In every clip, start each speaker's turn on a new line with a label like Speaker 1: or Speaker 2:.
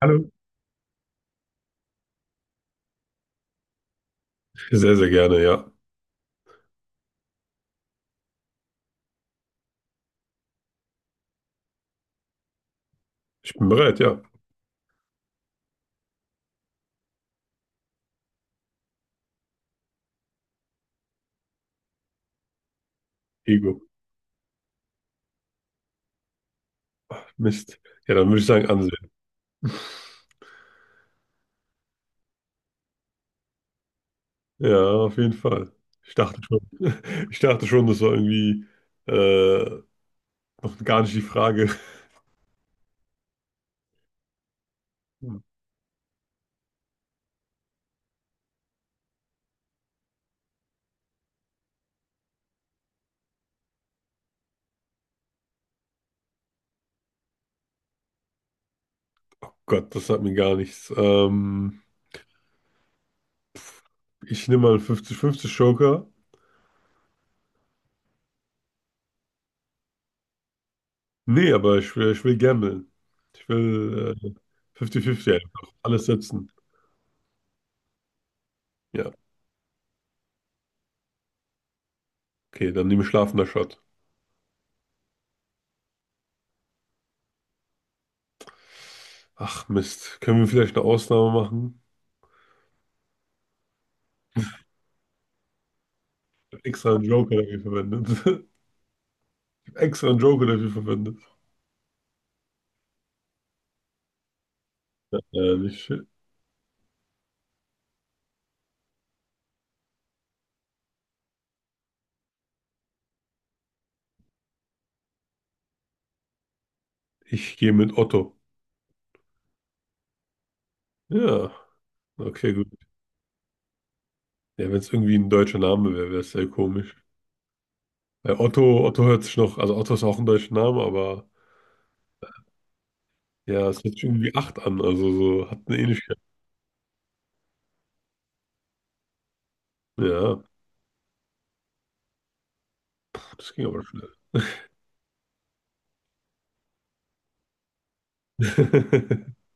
Speaker 1: Hallo. Sehr, sehr gerne, ja. Ich bin bereit, ja. Ego. Mist. Ja, dann würde ich sagen, ansehen. Ja, auf jeden Fall. Ich dachte schon, ich dachte schon, das war irgendwie äh, noch gar nicht die Frage. Gott, das hat mir gar nichts. Ich nehme mal einen 50-50 Joker. Nee, aber ich will gamblen. Ich will 50-50 einfach alles setzen. Ja, okay, dann nehme ich schlafender Shot. Ach Mist, können wir vielleicht eine Ausnahme machen? Ich hab Extra einen Joker dafür verwendet. Extra einen Joker dafür verwendet. Ja, nicht schön. Ich gehe mit Otto. Ja, okay, gut. Ja, wenn es irgendwie ein deutscher Name wäre, wäre es sehr komisch. Weil Otto, Otto hört sich noch, also Otto ist auch ein deutscher Name, aber ja, es hört sich irgendwie 8 an, also so hat eine Ähnlichkeit. Ja, das ging aber schnell.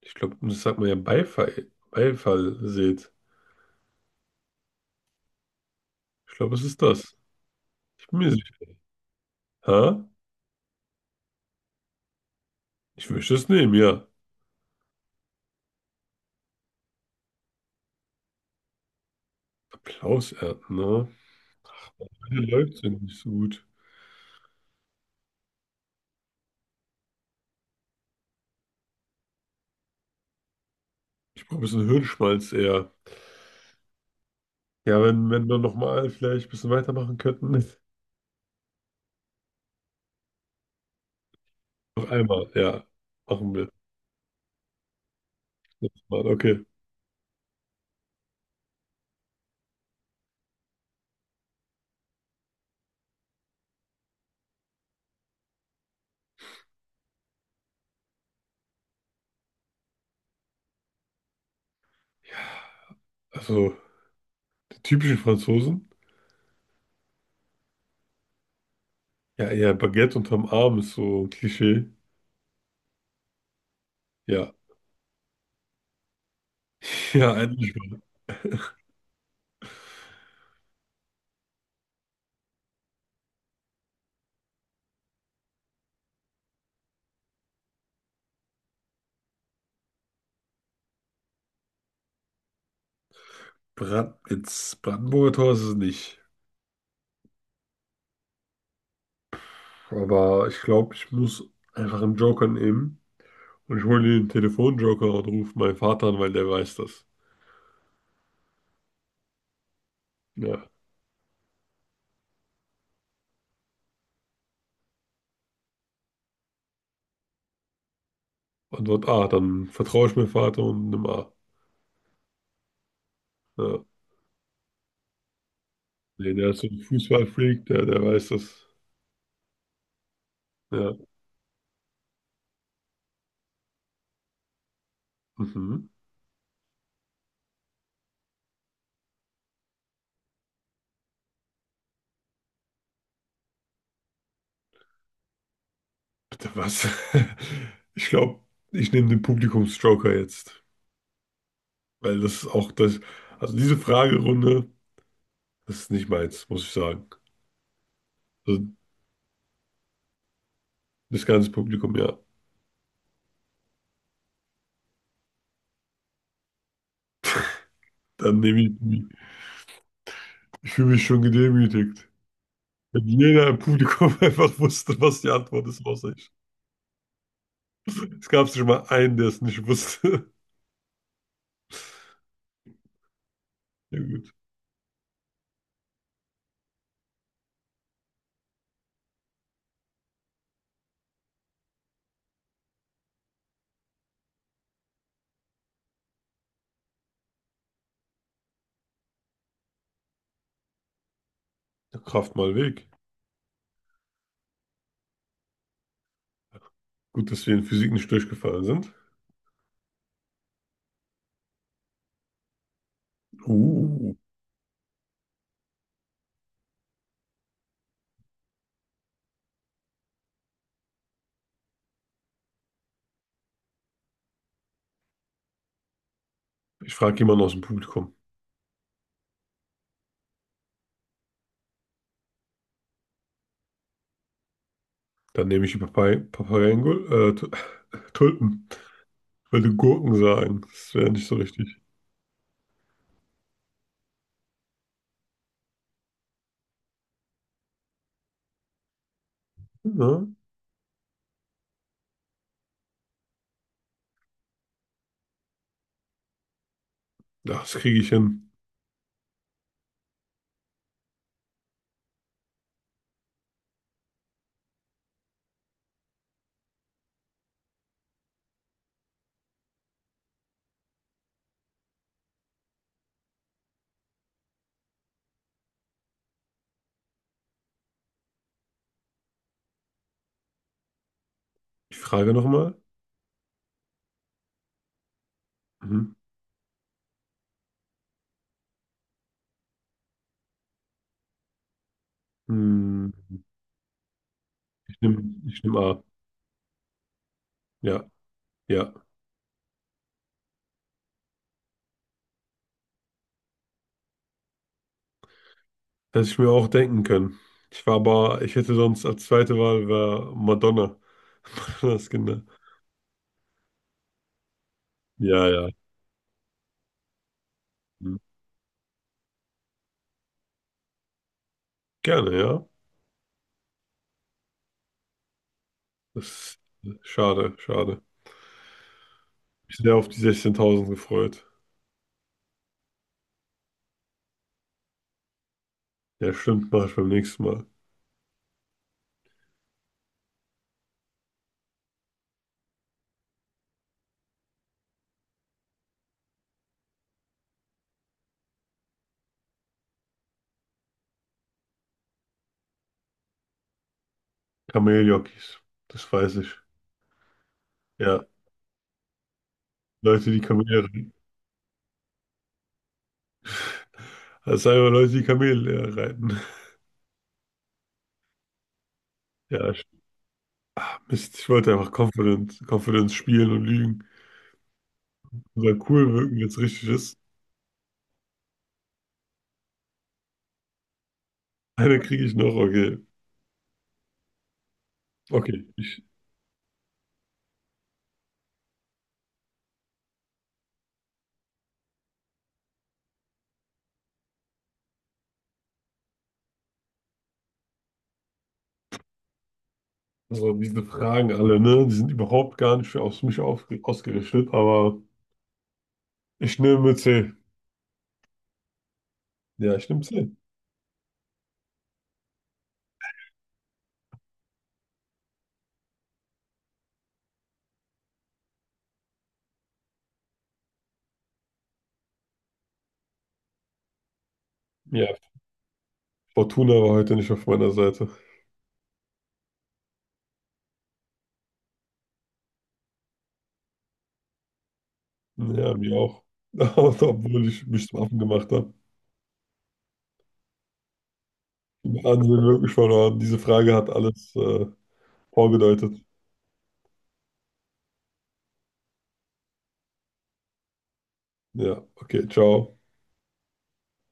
Speaker 1: Ich glaube, das sagt man ja Beifall, Beifall seht. Ich glaube, es ist das. Ich bin mir sicher. Ha? Ich möchte es nehmen, ja. Applaus ernten, ne? Meine läuft sind nicht so gut. Ich brauche ein bisschen Hirnschmalz eher. Ja, wenn wir nochmal vielleicht ein bisschen weitermachen könnten. Noch einmal, ja, machen wir. Letztes Mal, okay. Also, die typischen Franzosen. Ja, ja, Baguette unterm Arm ist so ein Klischee. Ja. Ja, eigentlich schon. Brand, jetzt Brandenburger Tor ist es nicht. Aber ich glaube, ich muss einfach einen Joker nehmen. Und ich hole den Telefonjoker und rufe meinen Vater an, weil der weiß das. Ja. Antwort A, dann vertraue ich meinem Vater und nimm A. Ja. Nee, der ist so ein Fußballfreak, der weiß das. Ja. Mhm. Bitte was? Ich glaube, ich nehme den Publikumsjoker jetzt. Weil das ist auch das. Also diese Fragerunde, das ist nicht meins, muss ich sagen. Also das ganze Publikum, ja. Dann nehme ich. Ich fühle mich schon gedemütigt. Wenn jeder im Publikum einfach wusste, was die Antwort ist, außer ich. Es gab schon mal einen, der es nicht wusste. Ja gut. Der Kraft mal weg. Gut, dass wir in Physik nicht durchgefallen sind. Uh, ich frage jemanden aus dem Publikum. Dann nehme ich die Papay Papayengul, Tu- Tulpen. Wollte Gurken sagen. Das wäre nicht so richtig. Ne? Ja, das kriege ich hin. Ich frage nochmal. Mhm. Hm, Ich nehme ich nehm A. Ja, ja. Hätte ich mir auch denken können. Ich war aber, ich hätte sonst als zweite Wahl wär Madonna. Madonnas Kinder. Ja, ja. Hm. Gerne, ja. Das ist schade, schade. Ich bin sehr auf die 16.000 gefreut. Ja, stimmt, mache ich beim nächsten Mal. Kameljockeys. Das weiß ich. Ja. Leute, die Kamele reiten. Das sind einfach Leute, die Kamele reiten. Ja, ich- Mist, ich wollte einfach Confidence spielen und lügen. Und cool wirken, jetzt richtig ist. Eine kriege ich noch, okay. Okay, ich, also diese Fragen alle, ne? Die sind überhaupt gar nicht für aus mich auf, ausgerichtet, aber ich nehme C. Ja, ich nehme C. Ja, Fortuna war heute nicht auf meiner Seite. Ja, mir auch. Obwohl ich mich zum Affen gemacht habe. Im Ansehen wirklich verloren. Diese Frage hat alles vorgedeutet. Ja, okay, ciao.